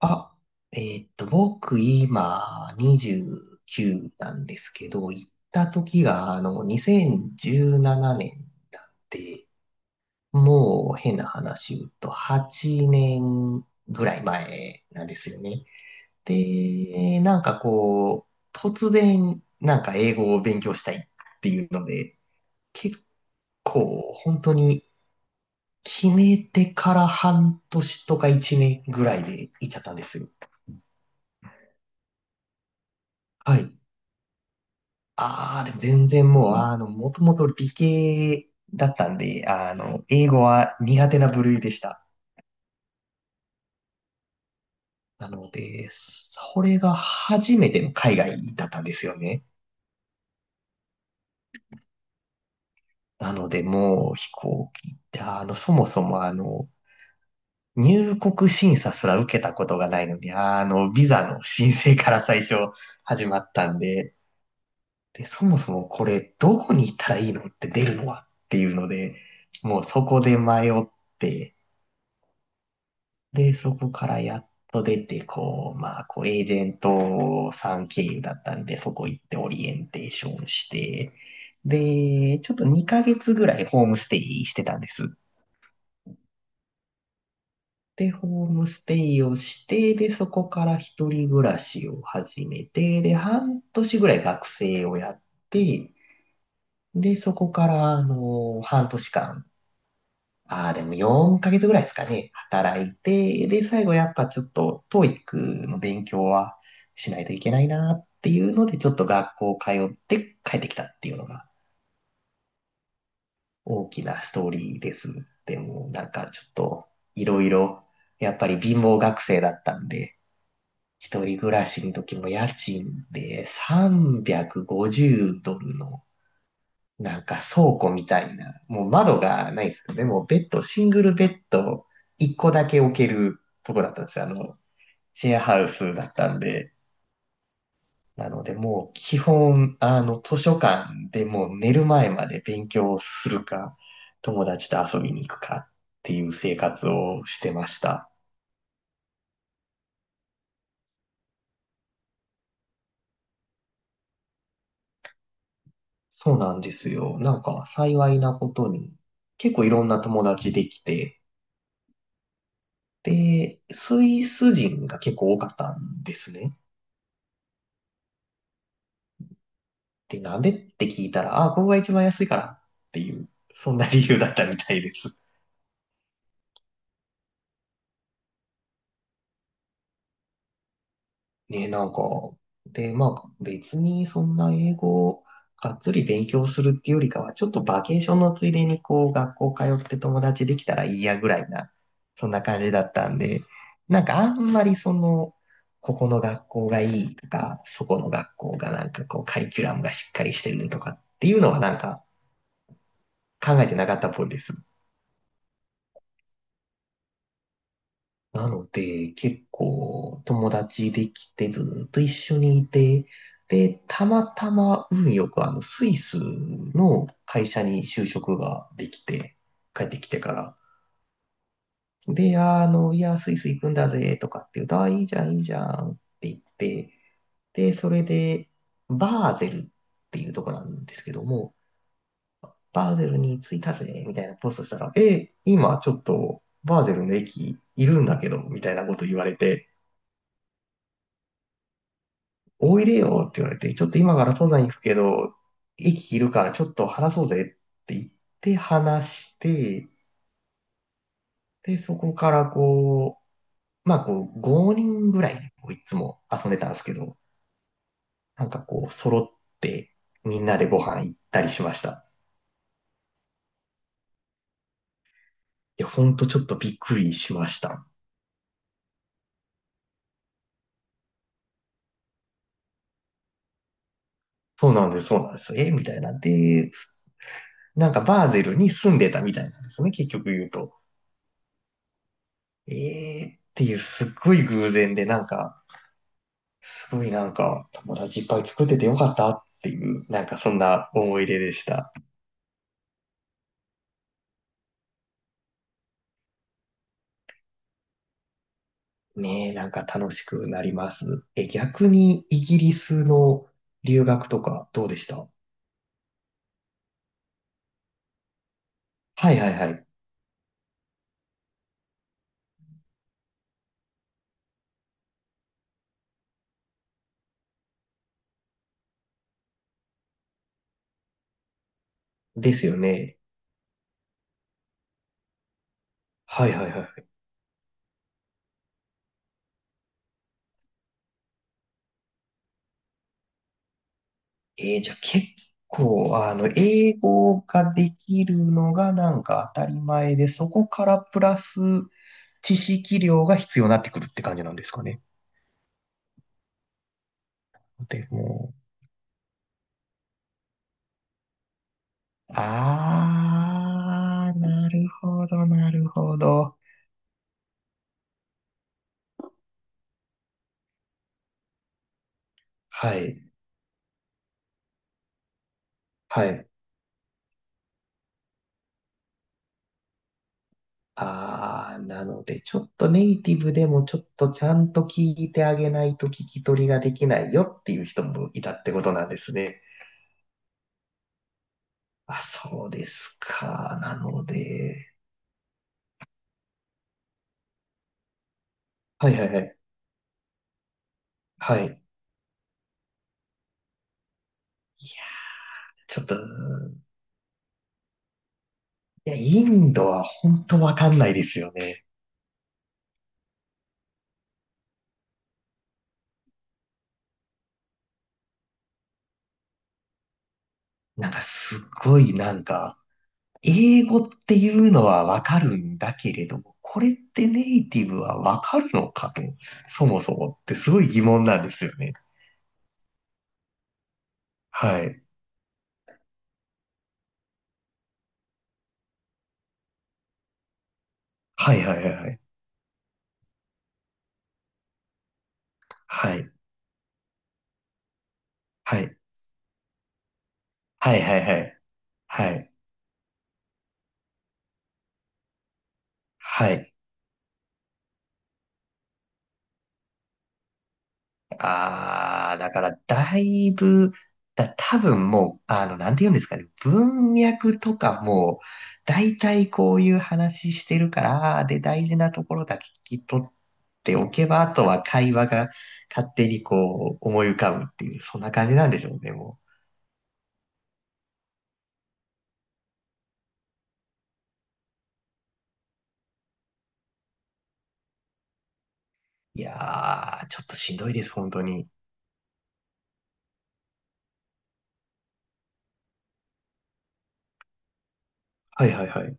あ、僕今29なんですけど、行った時が2017年なんで、もう変な話言うと8年ぐらい前なんですよね。で、なんかこう、突然なんか英語を勉強したいっていうので、結構本当に決めてから半年とか1年ぐらいで行っちゃったんですよ。はい。ああ、でも全然もう、もともと理系だったんで、英語は苦手な部類でした。なので、それが初めての海外だったんですよね。なので、もう飛行機って、そもそも入国審査すら受けたことがないのに、ビザの申請から最初始まったんで、で、そもそもこれ、どこに行ったらいいのって出るのはっていうので、もうそこで迷って、で、そこからやっと出て、こう、まあ、こう、エージェントさん経由だったんで、そこ行ってオリエンテーションして、で、ちょっと2ヶ月ぐらいホームステイしてたんです。で、ホームステイをして、で、そこから一人暮らしを始めて、で、半年ぐらい学生をやって、で、そこから、半年間ああ、でも4ヶ月ぐらいですかね。働いて、で、最後やっぱちょっと TOEIC の勉強はしないといけないなっていうので、ちょっと学校通って帰ってきたっていうのが大きなストーリーです。でもなんかちょっといろいろ、やっぱり貧乏学生だったんで、一人暮らしの時も家賃で350ドルのなんか倉庫みたいな、もう窓がないですよね。でもベッド、シングルベッド1個だけ置けるとこだったんですよ。シェアハウスだったんで。なのでもう基本、図書館でもう寝る前まで勉強するか、友達と遊びに行くかっていう生活をしてました。そうなんですよ。なんか幸いなことに、結構いろんな友達できて、で、スイス人が結構多かったんですね。で、鍋って聞いたら、あ、ここが一番安いからっていう、そんな理由だったみたいです。ね、なんか、で、まあ、別にそんな英語をがっつり勉強するっていうよりかは、ちょっとバケーションのついでに、こう、学校通って友達できたらいいやぐらいな、そんな感じだったんで、なんかあんまりその、ここの学校がいいとか、そこの学校がなんかこう、カリキュラムがしっかりしてるとかっていうのはなんか考えてなかったっぽいです。なので、結構友達できてずっと一緒にいて、で、たまたま運よくあのスイスの会社に就職ができて、帰ってきてから。で、いや、スイス行くんだぜとかって言うと、あ、いいじゃん、いいじゃんって言って、で、それで、バーゼルっていうとこなんですけども、バーゼルに着いたぜみたいなポストしたら、え、今ちょっとバーゼルの駅いるんだけど、みたいなこと言われて、おいでよって言われて、ちょっと今から登山行くけど、駅いるからちょっと話そうぜって言って話して、で、そこからこう、まあこう、5人ぐらいでこういつも遊んでたんですけど、なんかこう、揃ってみんなでご飯行ったりしました。いや、ほんとちょっとびっくりしました。そうなんです、そうなんです。えみたいな。で、なんかバーゼルに住んでたみたいなんですね、結局言うと。えーっていうすっごい偶然で、なんか、すごいなんか、友達いっぱい作っててよかったっていう、なんかそんな思い出でした。ねえ、なんか楽しくなります。え、逆にイギリスの留学とかどうでした？はいはいはい。ですよね。はいはいはい。じゃあ結構、英語ができるのがなんか当たり前で、そこからプラス知識量が必要になってくるって感じなんですかね。でもあー、なるほど、なるほど。はい、はい。あー、なので、ちょっとネイティブでもちょっとちゃんと聞いてあげないと聞き取りができないよっていう人もいたってことなんですね。あ、そうですか。なので、はいはいはい。はい。ちょっと、いや、インドは本当わかんないですよね。なんかすごいなんか、英語っていうのはわかるんだけれども、これってネイティブはわかるのかと、そもそもってすごい疑問なんですよね。はい。はいはいはいはい。はい。はい。はいはいはい。はい。はい。ああ、だからだいぶ、多分もう、なんて言うんですかね、文脈とかも、大体こういう話してるから、で、大事なところだけ聞き取っておけば、あとは会話が勝手にこう思い浮かぶっていう、そんな感じなんでしょうね、もう。いやー、ちょっとしんどいです、本当に。はいはいはい。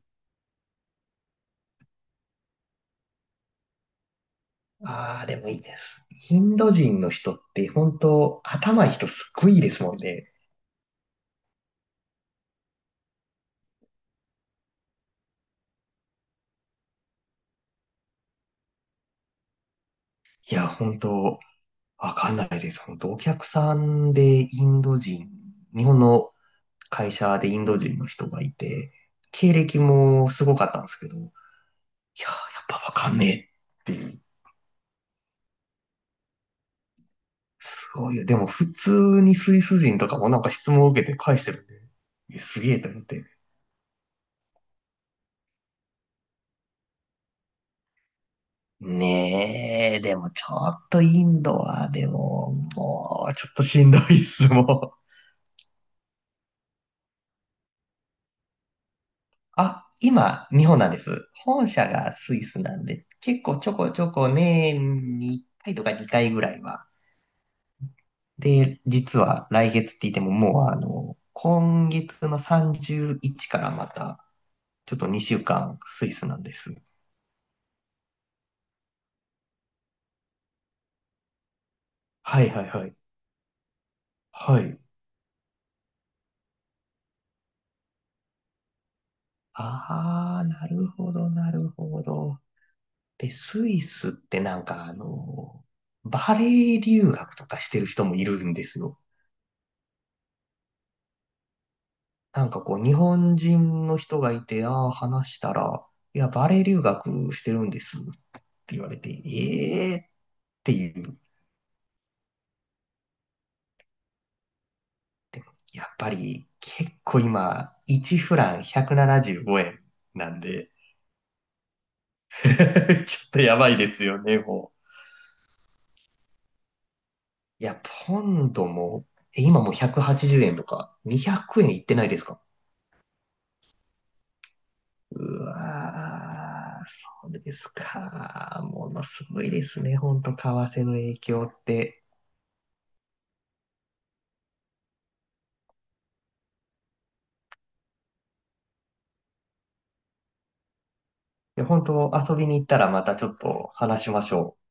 ああ、でもいいです。インド人の人って本当頭いい人すっごいいいですもんね。いや、本当わかんないです。お客さんでインド人、日本の会社でインド人の人がいて、経歴もすごかったんですけど、いやー、やっぱわかんねえっていう。すごいよ。でも普通にスイス人とかもなんか質問を受けて返してるんで、えすげえと思って。ねえ、でもちょっとインドは、でも、もうちょっとしんどいっす、もう。あ、今、日本なんです。本社がスイスなんで、結構ちょこちょこ年に回とか2回ぐらいは。で、実は来月って言ってももう今月の31からまた、ちょっと2週間スイスなんです。はいはいはい。はい。あー、なるほど、なるほど。で、スイスってなんかバレエ留学とかしてる人もいるんですよ。なんかこう、日本人の人がいて、ああ、話したら、いや、バレエ留学してるんですって言われて、ええっていう。やっぱり結構今、1フラン175円ななじゅうごえんなんで、ちょっとやばいですよね、もう。いや、ポンドも、え今もう180円とか、200円いってないですか？うわー、そうですか。ものすごいですね、ほんと、為替の影響って。で、本当遊びに行ったらまたちょっと話しましょう。